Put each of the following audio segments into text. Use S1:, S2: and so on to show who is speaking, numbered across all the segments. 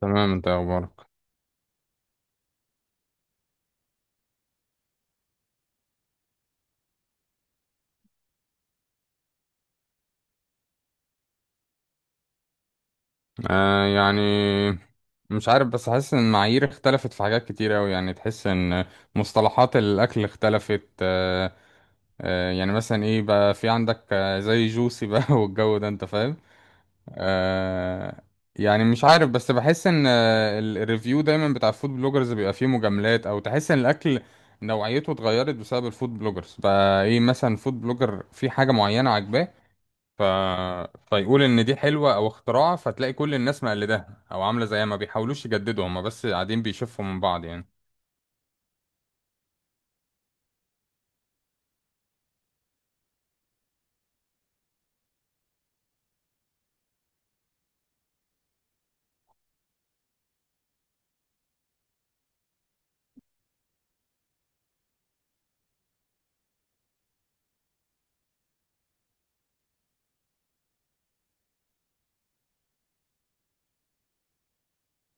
S1: تمام، انت إيه اخبارك؟ يعني مش عارف، بس حاسس ان المعايير اختلفت في حاجات كتير اوي. يعني تحس ان مصطلحات الاكل اختلفت. يعني مثلا ايه بقى، في عندك زي جوسي بقى والجو ده، انت فاهم. آه يعني مش عارف، بس بحس ان الريفيو دايما بتاع الفود بلوجرز بيبقى فيه مجاملات، او تحس ان الاكل نوعيته اتغيرت بسبب الفود بلوجرز. بقى ايه، مثلا فود بلوجر في حاجة معينة عاجباه، ف... فيقول ان دي حلوه او اختراع، فتلاقي كل الناس مقلداها او عامله زيها، ما بيحاولوش يجددوا، هما بس قاعدين بيشوفوا من بعض يعني.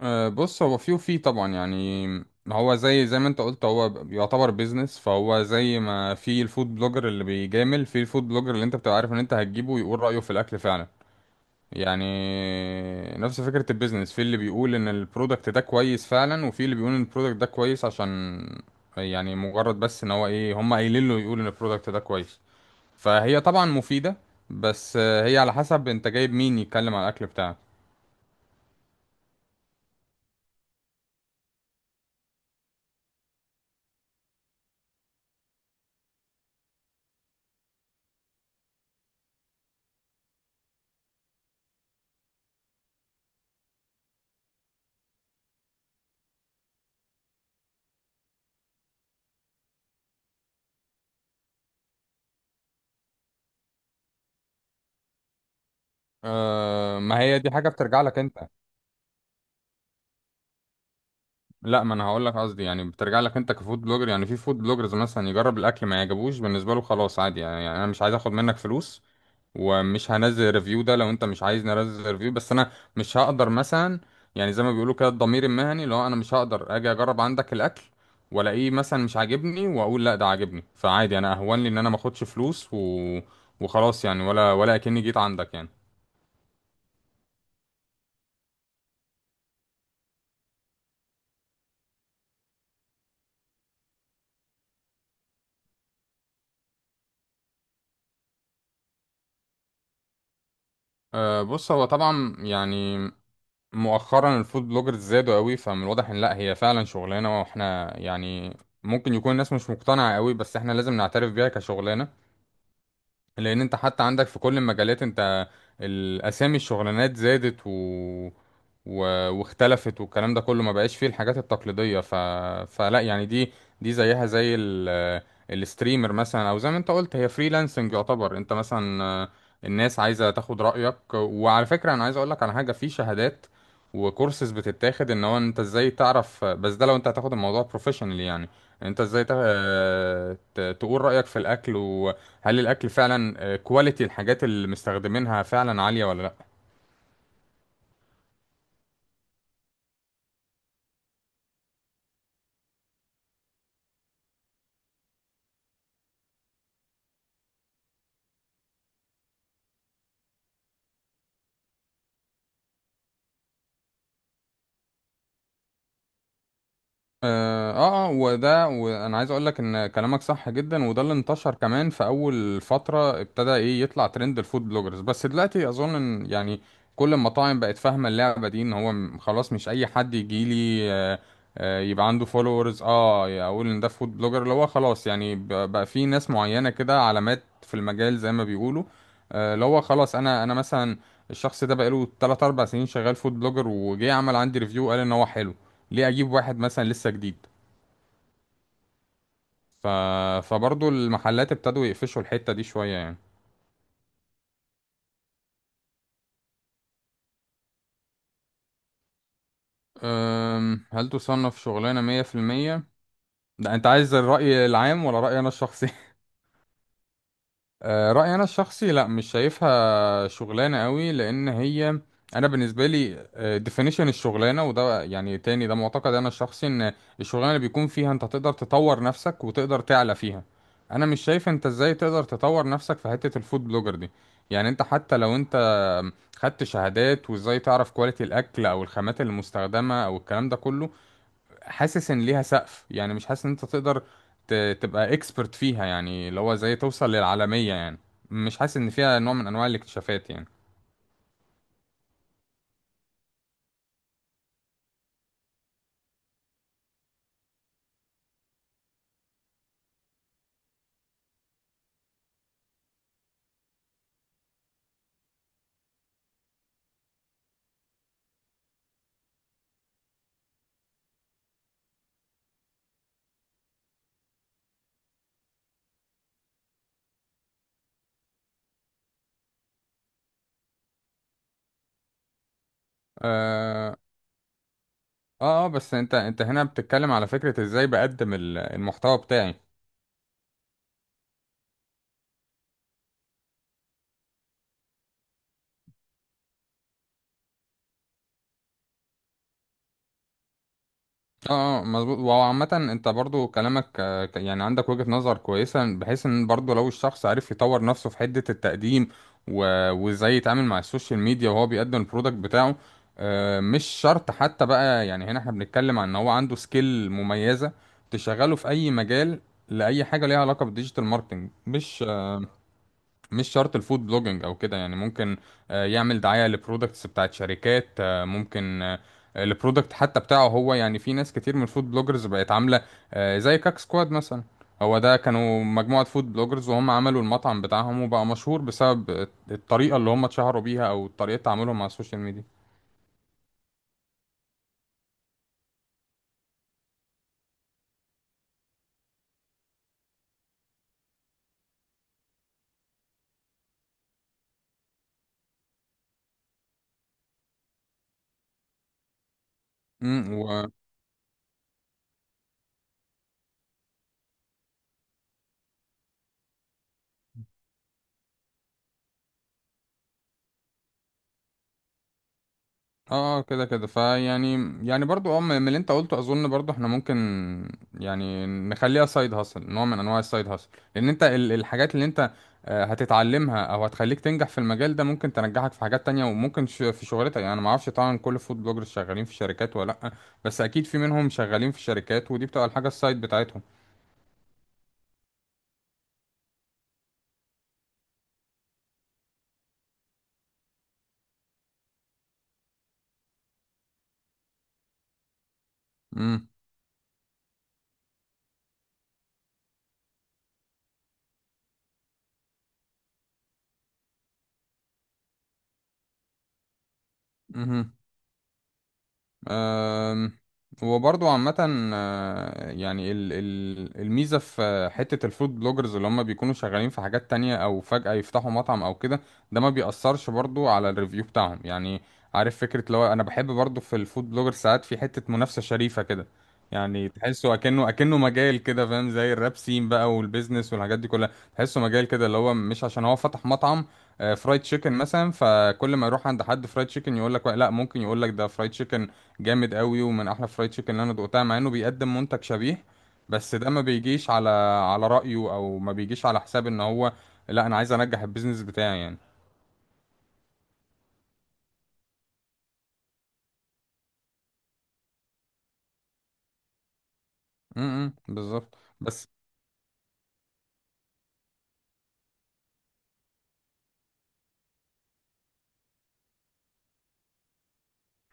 S1: بص، هو فيه وفيه طبعا يعني. هو زي ما انت قلت، هو يعتبر بيزنس، فهو زي ما في الفود بلوجر اللي بيجامل، في الفود بلوجر اللي انت بتبقى عارف ان انت هتجيبه ويقول رأيه في الاكل فعلا يعني. نفس فكرة البيزنس، في اللي بيقول ان البرودكت ده كويس فعلا، وفي اللي بيقول ان البرودكت ده كويس عشان يعني مجرد بس ان هو ايه، هم قايلين له يقول ان البرودكت ده كويس. فهي طبعا مفيدة، بس هي على حسب انت جايب مين يتكلم على الاكل بتاعك. ما هي دي حاجة بترجع لك انت. لا، ما انا هقول لك قصدي يعني بترجع لك انت كفود بلوجر. يعني في فود بلوجرز مثلا يجرب الاكل ما يعجبوش، بالنسبه له خلاص عادي يعني، يعني انا مش عايز اخد منك فلوس، ومش هنزل ريفيو ده لو انت مش عايز ننزل ريفيو، بس انا مش هقدر مثلا. يعني زي ما بيقولوا كده، الضمير المهني، لو انا مش هقدر اجي اجرب عندك الاكل والاقيه مثلا مش عاجبني واقول لا ده عاجبني، فعادي انا اهون لي ان انا ما اخدش فلوس وخلاص يعني، ولا اكني جيت عندك يعني. بص، هو طبعا يعني مؤخرا الفود بلوجرز زادوا قوي، فمن الواضح ان لا، هي فعلا شغلانه، واحنا يعني ممكن يكون الناس مش مقتنعه قوي، بس احنا لازم نعترف بيها كشغلانه. لان انت حتى عندك في كل المجالات، انت الاسامي الشغلانات زادت و... واختلفت والكلام ده كله، ما بقاش فيه الحاجات التقليدية. فلا يعني، دي زيها زي الستريمر مثلا، او زي ما انت قلت هي فريلانسنج يعتبر. انت مثلا الناس عايزة تاخد رأيك، وعلى فكرة انا عايز اقولك على حاجة، في شهادات وكورسز بتتاخد ان هو انت ازاي تعرف، بس ده لو انت هتاخد الموضوع بروفيشنال يعني. انت ازاي تقول رأيك في الاكل هل الاكل فعلا كواليتي، الحاجات اللي مستخدمينها فعلا عاليه ولا لا. وده، وانا عايز اقول لك ان كلامك صح جدا، وده اللي انتشر كمان في اول فترة ابتدى ايه يطلع ترند الفود بلوجرز. بس دلوقتي اظن ان يعني كل المطاعم بقت فاهمة اللعبة دي، ان هو خلاص مش اي حد يجي لي يبقى عنده فولورز اقول ان ده فود بلوجر. اللي هو خلاص يعني بقى في ناس معينة كده، علامات في المجال زي ما بيقولوا. اللي هو خلاص، انا مثلا الشخص ده بقاله 3 4 سنين شغال فود بلوجر، وجه عمل عندي ريفيو قال ان هو حلو، ليه اجيب واحد مثلا لسه جديد؟ ف... فبرضو المحلات ابتدوا يقفشوا الحتة دي شوية يعني. هل تصنف شغلانة مية في المية؟ ده انت عايز الرأي العام ولا رأيي انا الشخصي؟ رأيي أنا الشخصي، لا، مش شايفها شغلانة قوي، لأن هي أنا بالنسبة لي definition الشغلانة، وده يعني تاني ده معتقد أنا الشخصي، إن الشغلانة اللي بيكون فيها أنت تقدر تطور نفسك وتقدر تعلى فيها. أنا مش شايف أنت إزاي تقدر تطور نفسك في حتة الفود بلوجر دي. يعني أنت حتى لو أنت خدت شهادات وإزاي تعرف كواليتي الأكل أو الخامات المستخدمة أو الكلام ده كله، حاسس ان ليها سقف. يعني مش حاسس ان انت تقدر تبقى اكسبرت فيها، يعني اللي هو زي توصل للعالمية يعني، مش حاسس ان فيها نوع من انواع الاكتشافات يعني. اه بس انت هنا بتتكلم على فكرة ازاي بقدم المحتوى بتاعي. مظبوط، وهو عامة انت برضو كلامك يعني عندك وجهة نظر كويسة، بحيث ان برضو لو الشخص عرف يطور نفسه في حدة التقديم، وازاي يتعامل مع السوشيال ميديا وهو بيقدم البرودكت بتاعه. مش شرط حتى بقى، يعني هنا احنا بنتكلم عن ان هو عنده سكيل مميزة تشغله في اي مجال، لأي حاجة ليها علاقة بالديجيتال ماركتنج. مش شرط الفود بلوجينج او كده يعني. ممكن يعمل دعاية لبرودكتس بتاعت شركات، ممكن البرودكت حتى بتاعه هو يعني. في ناس كتير من الفود بلوجرز بقت عاملة زي كاك سكواد مثلا. هو ده، كانوا مجموعة فود بلوجرز وهم عملوا المطعم بتاعهم، وبقى مشهور بسبب الطريقة اللي هم اتشهروا بيها، او طريقة تعاملهم مع السوشيال ميديا. امم. اه كده كده فيعني يعني برضو، من اللي انت قلته اظن برضو احنا ممكن يعني نخليها سايد هاسل، نوع من انواع السايد هاسل. لان انت الحاجات اللي انت هتتعلمها او هتخليك تنجح في المجال ده، ممكن تنجحك في حاجات تانية، وممكن في شغلتك. يعني انا ما اعرفش طبعا كل الفود بلوجرز شغالين في شركات ولا لا، بس اكيد في منهم شغالين في شركات، ودي بتبقى الحاجة السايد بتاعتهم. امم أم، وبرضو عامة، يعني الميزة في حتة الفود بلوجرز اللي هم بيكونوا شغالين في حاجات تانية أو فجأة يفتحوا مطعم أو كده، ده ما بيأثرش برضو على الريفيو بتاعهم يعني. عارف فكرة، لو أنا بحب برضو في الفود بلوجر ساعات في حتة منافسة شريفة كده، يعني تحسه أكنه أكنه مجال كده، فاهم؟ زي الراب سين بقى والبيزنس والحاجات دي كلها، تحسه مجال كده اللي هو مش عشان هو فتح مطعم فرايد تشيكن مثلا، فكل ما يروح عند حد فرايد تشيكن يقول لك لا، ممكن يقول لك ده فرايد تشيكن جامد قوي ومن احلى فرايد تشيكن اللي انا دقتها، مع انه بيقدم منتج شبيه. بس ده ما بيجيش على، على رأيه، او ما بيجيش على حساب ان هو لا، انا عايز انجح البيزنس بتاعي يعني. امم، بالظبط بس.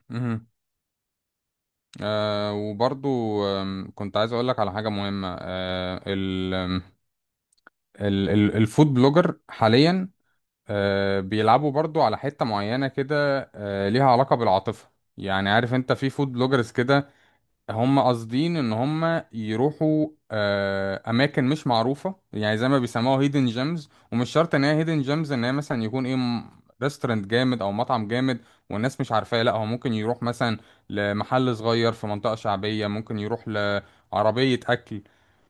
S1: امم. وبرضو كنت عايز اقول لك على حاجة مهمة. آه ال آم، ال ال الفود بلوجر حاليا بيلعبوا برضو على حتة معينة كده، ليها علاقة بالعاطفة. يعني عارف انت في فود بلوجرز كده هم قاصدين ان هم يروحوا اماكن مش معروفه، يعني زي ما بيسموها هيدن جيمز. ومش شرط ان هي هيدن جيمز ان هي مثلا يكون ايه ريستورانت جامد او مطعم جامد والناس مش عارفاه. لا، هو ممكن يروح مثلا لمحل صغير في منطقه شعبيه، ممكن يروح لعربيه اكل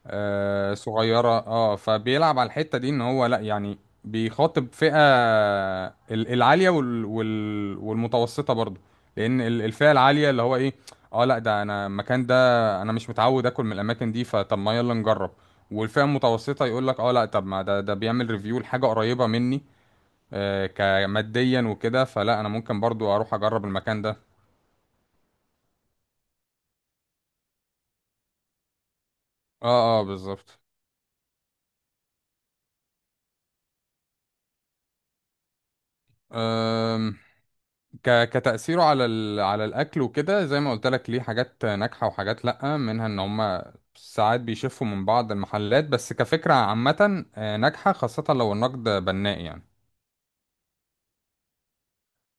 S1: صغيرة. اه فبيلعب على الحتة دي ان هو لا يعني بيخاطب فئة، العالية والمتوسطة برضه. لان الفئة العالية اللي هو ايه، اه لا، ده انا المكان ده انا مش متعود اكل من الاماكن دي، فطب ما يلا نجرب. والفئة المتوسطة يقول لك اه لا، طب ما ده بيعمل ريفيو لحاجة قريبة مني كماديا وكده، فلا انا ممكن برضو اروح اجرب المكان ده. اه بالظبط. كتأثيره على على الأكل وكده، زي ما قلت لك ليه حاجات ناجحة وحاجات لأ، منها إن هما ساعات بيشفوا من بعض المحلات، بس كفكرة عامة ناجحة خاصة لو النقد بناء يعني.